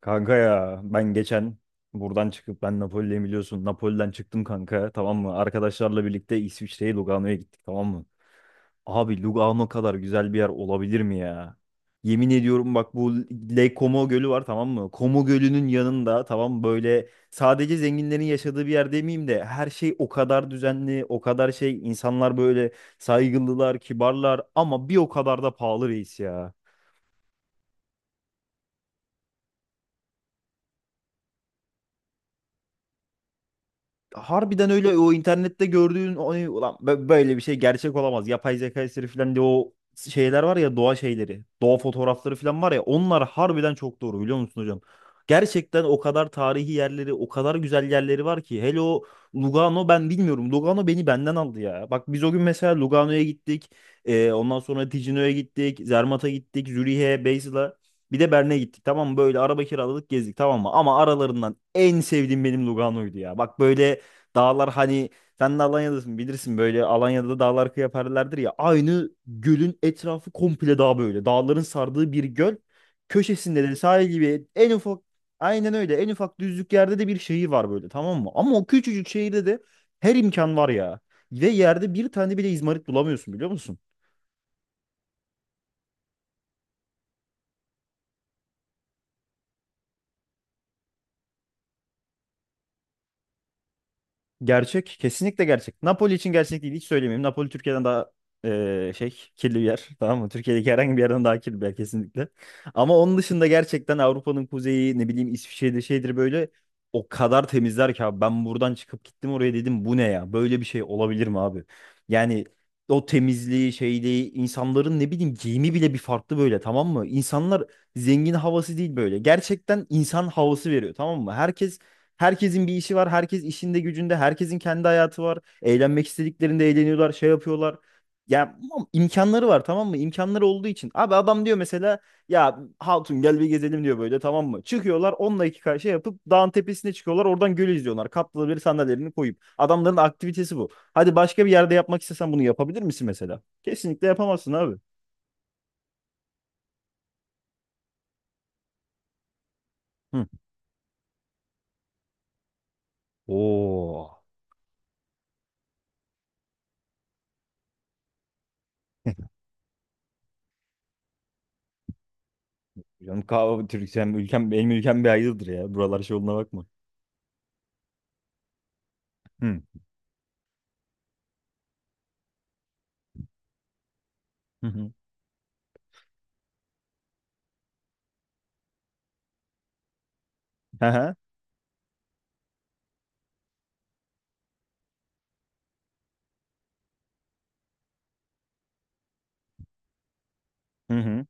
Kanka ya ben geçen buradan çıkıp ben Napoli'deyim biliyorsun. Napoli'den çıktım kanka tamam mı? Arkadaşlarla birlikte İsviçre'ye Lugano'ya gittik tamam mı? Abi Lugano kadar güzel bir yer olabilir mi ya? Yemin ediyorum bak bu Lake Como Gölü var tamam mı? Como Gölü'nün yanında tamam böyle sadece zenginlerin yaşadığı bir yer demeyeyim de her şey o kadar düzenli, o kadar şey insanlar böyle saygılılar, kibarlar ama bir o kadar da pahalı reis ya. Harbiden öyle o internette gördüğün o, ulan böyle bir şey gerçek olamaz. Yapay zeka eseri falan diye o şeyler var ya doğa şeyleri. Doğa fotoğrafları falan var ya onlar harbiden çok doğru biliyor musun hocam? Gerçekten o kadar tarihi yerleri, o kadar güzel yerleri var ki. Hele o Lugano ben bilmiyorum. Lugano beni benden aldı ya. Bak biz o gün mesela Lugano'ya gittik. Ondan sonra Ticino'ya gittik. Zermatt'a gittik. Zürih'e, Basel'a. Bir de Bern'e gittik tamam mı? Böyle araba kiraladık gezdik tamam mı? Ama aralarından en sevdiğim benim Lugano'ydu ya. Bak böyle dağlar hani sen de Alanya'dasın bilirsin böyle Alanya'da dağlar yaparlardır ya. Aynı gölün etrafı komple dağ böyle. Dağların sardığı bir göl. Köşesinde de sahil gibi en ufak aynen öyle en ufak düzlük yerde de bir şehir var böyle tamam mı? Ama o küçücük şehirde de her imkan var ya. Ve yerde bir tane bile izmarit bulamıyorsun biliyor musun? Gerçek. Kesinlikle gerçek. Napoli için gerçek değil. Hiç söylemeyeyim. Napoli Türkiye'den daha şey kirli bir yer. Tamam mı? Türkiye'deki herhangi bir yerden daha kirli bir yer kesinlikle. Ama onun dışında gerçekten Avrupa'nın kuzeyi ne bileyim İsviçre'de şeydir böyle o kadar temizler ki abi. Ben buradan çıkıp gittim oraya dedim bu ne ya? Böyle bir şey olabilir mi abi? Yani o temizliği şeyliği insanların ne bileyim giyimi bile bir farklı böyle tamam mı? İnsanlar zengin havası değil böyle. Gerçekten insan havası veriyor tamam mı? Herkesin bir işi var. Herkes işinde gücünde. Herkesin kendi hayatı var. Eğlenmek istediklerinde eğleniyorlar. Şey yapıyorlar. Ya ama imkanları var tamam mı? İmkanları olduğu için. Abi adam diyor mesela ya Hatun gel bir gezelim diyor böyle tamam mı? Çıkıyorlar 10 iki şey yapıp dağın tepesine çıkıyorlar. Oradan gölü izliyorlar. Katlı bir sandalyelerini koyup. Adamların aktivitesi bu. Hadi başka bir yerde yapmak istesen bunu yapabilir misin mesela? Kesinlikle yapamazsın abi. Hı. Oo. Canım kahve Türksem ülkem benim ülkem bir ayrıdır ya. Buralar şey olduğuna bakma. Hı. Hı hı. Hı hı.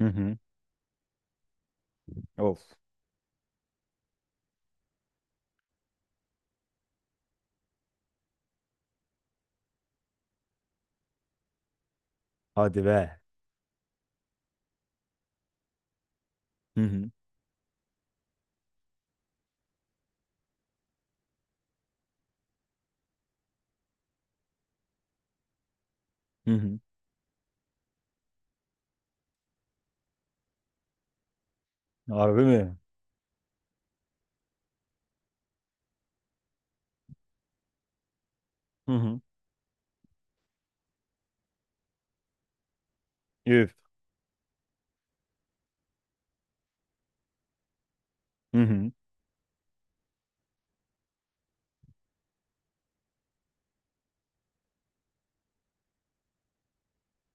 Hı hı. Of. Hadi be. Hı hı. Hı hı. Harbi mi? Hı hı. Üf. Hı hı.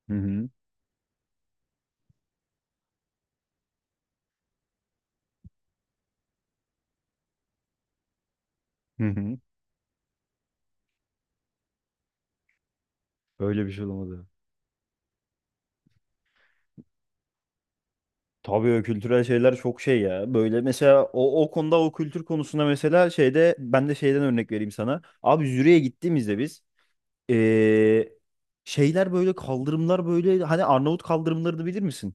Hı hı. Hı hı. Böyle bir şey olmadı. Tabii o kültürel şeyler çok şey ya. Böyle mesela o, o konuda o kültür konusunda mesela şeyde ben de şeyden örnek vereyim sana. Abi Zürich'e gittiğimizde biz ee, şeyler böyle kaldırımlar böyle hani Arnavut kaldırımlarını bilir misin?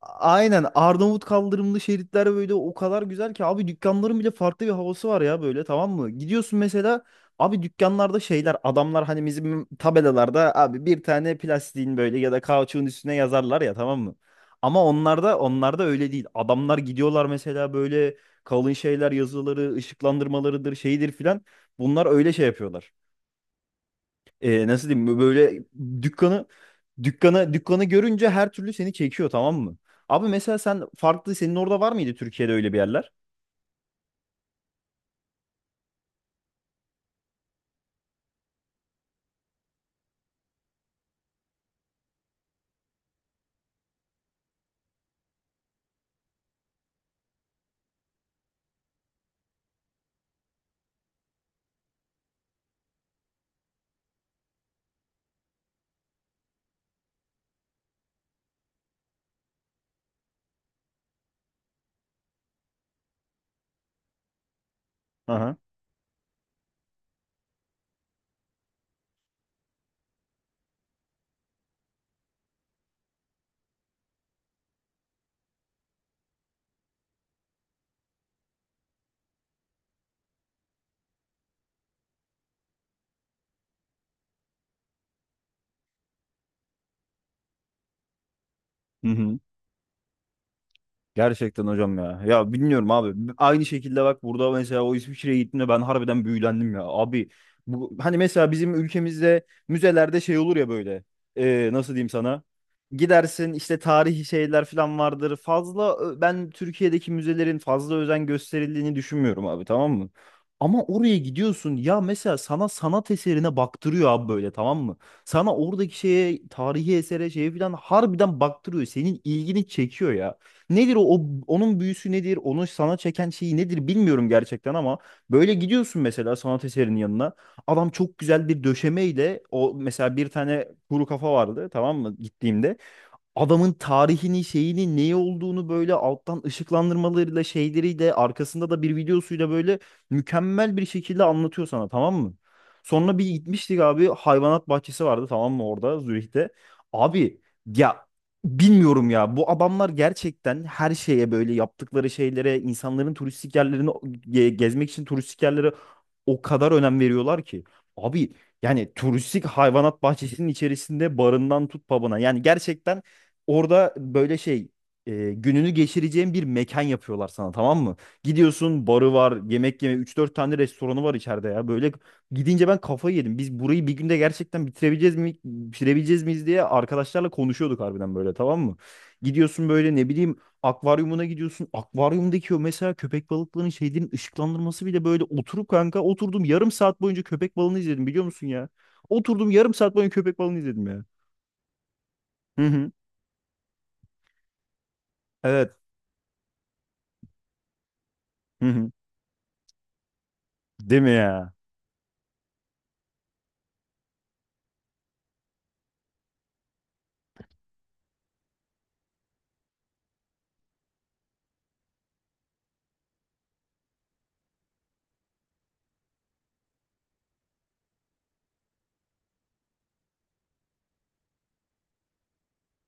Aynen Arnavut kaldırımlı şeritler böyle o kadar güzel ki abi dükkanların bile farklı bir havası var ya böyle tamam mı? Gidiyorsun mesela abi dükkanlarda şeyler adamlar hani bizim tabelalarda abi bir tane plastiğin böyle ya da kauçuğun üstüne yazarlar ya tamam mı? Ama onlarda öyle değil. Adamlar gidiyorlar mesela böyle kalın şeyler yazıları, ışıklandırmalarıdır, şeydir filan. Bunlar öyle şey yapıyorlar nasıl diyeyim böyle dükkanı dükkanı görünce her türlü seni çekiyor tamam mı? Abi mesela sen farklı senin orada var mıydı Türkiye'de öyle bir yerler? Aha. Hı hı. Gerçekten hocam ya. Ya bilmiyorum abi. Aynı şekilde bak burada mesela o İsviçre'ye gittiğimde ben harbiden büyülendim ya. Abi bu hani mesela bizim ülkemizde müzelerde şey olur ya böyle. Nasıl diyeyim sana? Gidersin işte tarihi şeyler falan vardır. Ben Türkiye'deki müzelerin fazla özen gösterildiğini düşünmüyorum abi tamam mı? Ama oraya gidiyorsun ya mesela sana sanat eserine baktırıyor abi böyle tamam mı? Sana oradaki şeye tarihi esere şeye falan harbiden baktırıyor. Senin ilgini çekiyor ya. Nedir o, onun büyüsü nedir? Onu sana çeken şeyi nedir bilmiyorum gerçekten ama böyle gidiyorsun mesela sanat eserinin yanına. Adam çok güzel bir döşemeyle o mesela bir tane kuru kafa vardı tamam mı gittiğimde adamın tarihini, şeyini, neyi olduğunu böyle alttan ışıklandırmalarıyla, şeyleriyle, arkasında da bir videosuyla böyle mükemmel bir şekilde anlatıyor sana tamam mı? Sonra bir gitmiştik abi hayvanat bahçesi vardı tamam mı orada Zürih'te. Abi ya bilmiyorum ya bu adamlar gerçekten her şeye böyle yaptıkları şeylere insanların turistik yerlerini gezmek için turistik yerlere o kadar önem veriyorlar ki. Abi yani turistik hayvanat bahçesinin içerisinde barından tut pub'ına. Yani gerçekten orada böyle şey gününü geçireceğin bir mekan yapıyorlar sana tamam mı? Gidiyorsun barı var yemek yeme üç dört tane restoranı var içeride ya. Böyle gidince ben kafayı yedim. Biz burayı bir günde gerçekten bitirebileceğiz miyiz diye arkadaşlarla konuşuyorduk harbiden böyle tamam mı? Gidiyorsun böyle ne bileyim akvaryumuna gidiyorsun. Akvaryumdaki o mesela köpek balıklarının şeylerin ışıklandırması bile böyle oturup kanka oturdum yarım saat boyunca köpek balığını izledim biliyor musun ya? Oturdum yarım saat boyunca köpek balığını izledim ya. Hı hı. Evet. Hı hı. Değil mi ya?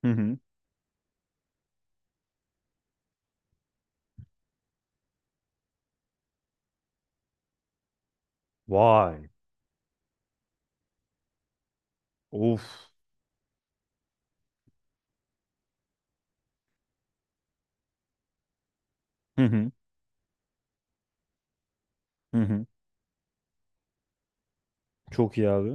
Hı hı. Vay. Of. Hı hı. Hı hı. Çok iyi abi.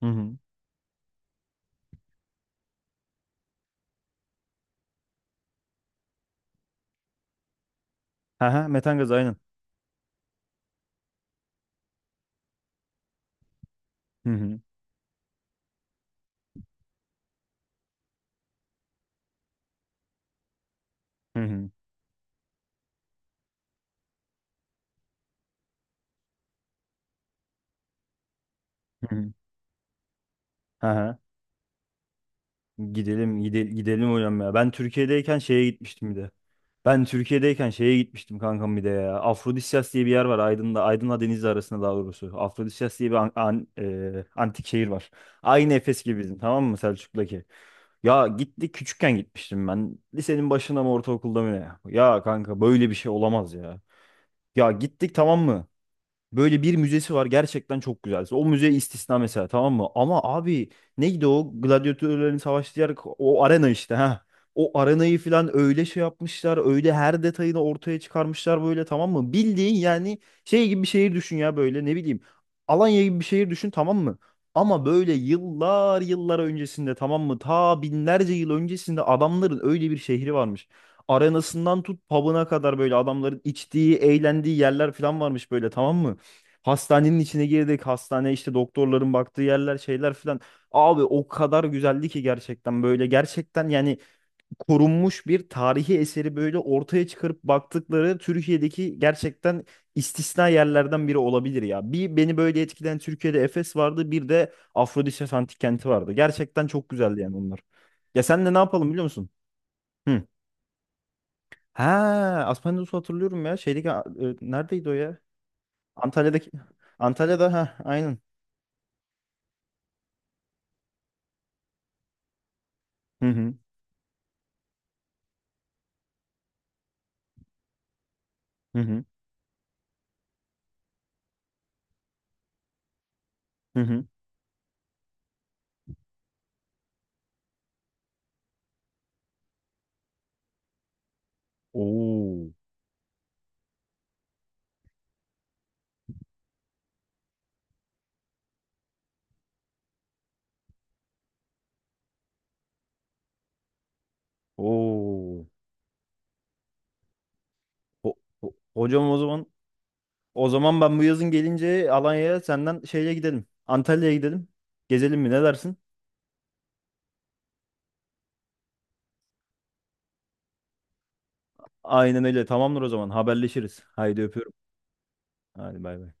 Hı hı. Ha ha metan gazı aynen. Hı hı. Hı hı. Hı hı. Gidelim gidelim gidelim hocam ya. Ben Türkiye'deyken şeye gitmiştim bir de. Ben Türkiye'deyken şeye gitmiştim kankam bir de ya. Afrodisyas diye bir yer var Aydın'da. Aydın'la Denizli arasında daha doğrusu. Afrodisyas diye bir antik şehir var. Aynı Efes gibi bizim tamam mı Selçuk'taki. Ya gitti küçükken gitmiştim ben. Lisenin başında mı ortaokulda mı ne? Ya kanka böyle bir şey olamaz ya. Ya gittik tamam mı? Böyle bir müzesi var gerçekten çok güzel. O müze istisna mesela tamam mı? Ama abi neydi o gladyatörlerin savaştığı yer o arena işte ha. O arenayı falan öyle şey yapmışlar. Öyle her detayını ortaya çıkarmışlar böyle tamam mı? Bildiğin yani şey gibi bir şehir düşün ya böyle ne bileyim. Alanya gibi bir şehir düşün tamam mı? Ama böyle yıllar yıllar öncesinde tamam mı? Ta binlerce yıl öncesinde adamların öyle bir şehri varmış. Arenasından tut pub'ına kadar böyle adamların içtiği, eğlendiği yerler falan varmış böyle tamam mı? Hastanenin içine girdik. Hastane işte doktorların baktığı yerler şeyler filan. Abi o kadar güzeldi ki gerçekten böyle gerçekten yani korunmuş bir tarihi eseri böyle ortaya çıkarıp baktıkları Türkiye'deki gerçekten istisna yerlerden biri olabilir ya. Bir beni böyle etkileyen Türkiye'de Efes vardı bir de Afrodisya Antik Kenti vardı. Gerçekten çok güzeldi yani onlar. Ya sen de ne yapalım biliyor musun? Hı. Ha, Aspendios'u hatırlıyorum ya. Şeydeki neredeydi o ya? Antalya'daki Antalya'da ha aynen. Hı hı. Hı hı. Hı hı. Oo. Oo. Ho- Hocam o zaman ben bu yazın gelince Alanya'ya senden şeye gidelim. Antalya'ya gidelim. Gezelim mi ne dersin? Aynen öyle. Tamamdır o zaman. Haberleşiriz. Haydi öpüyorum. Hadi bay bay.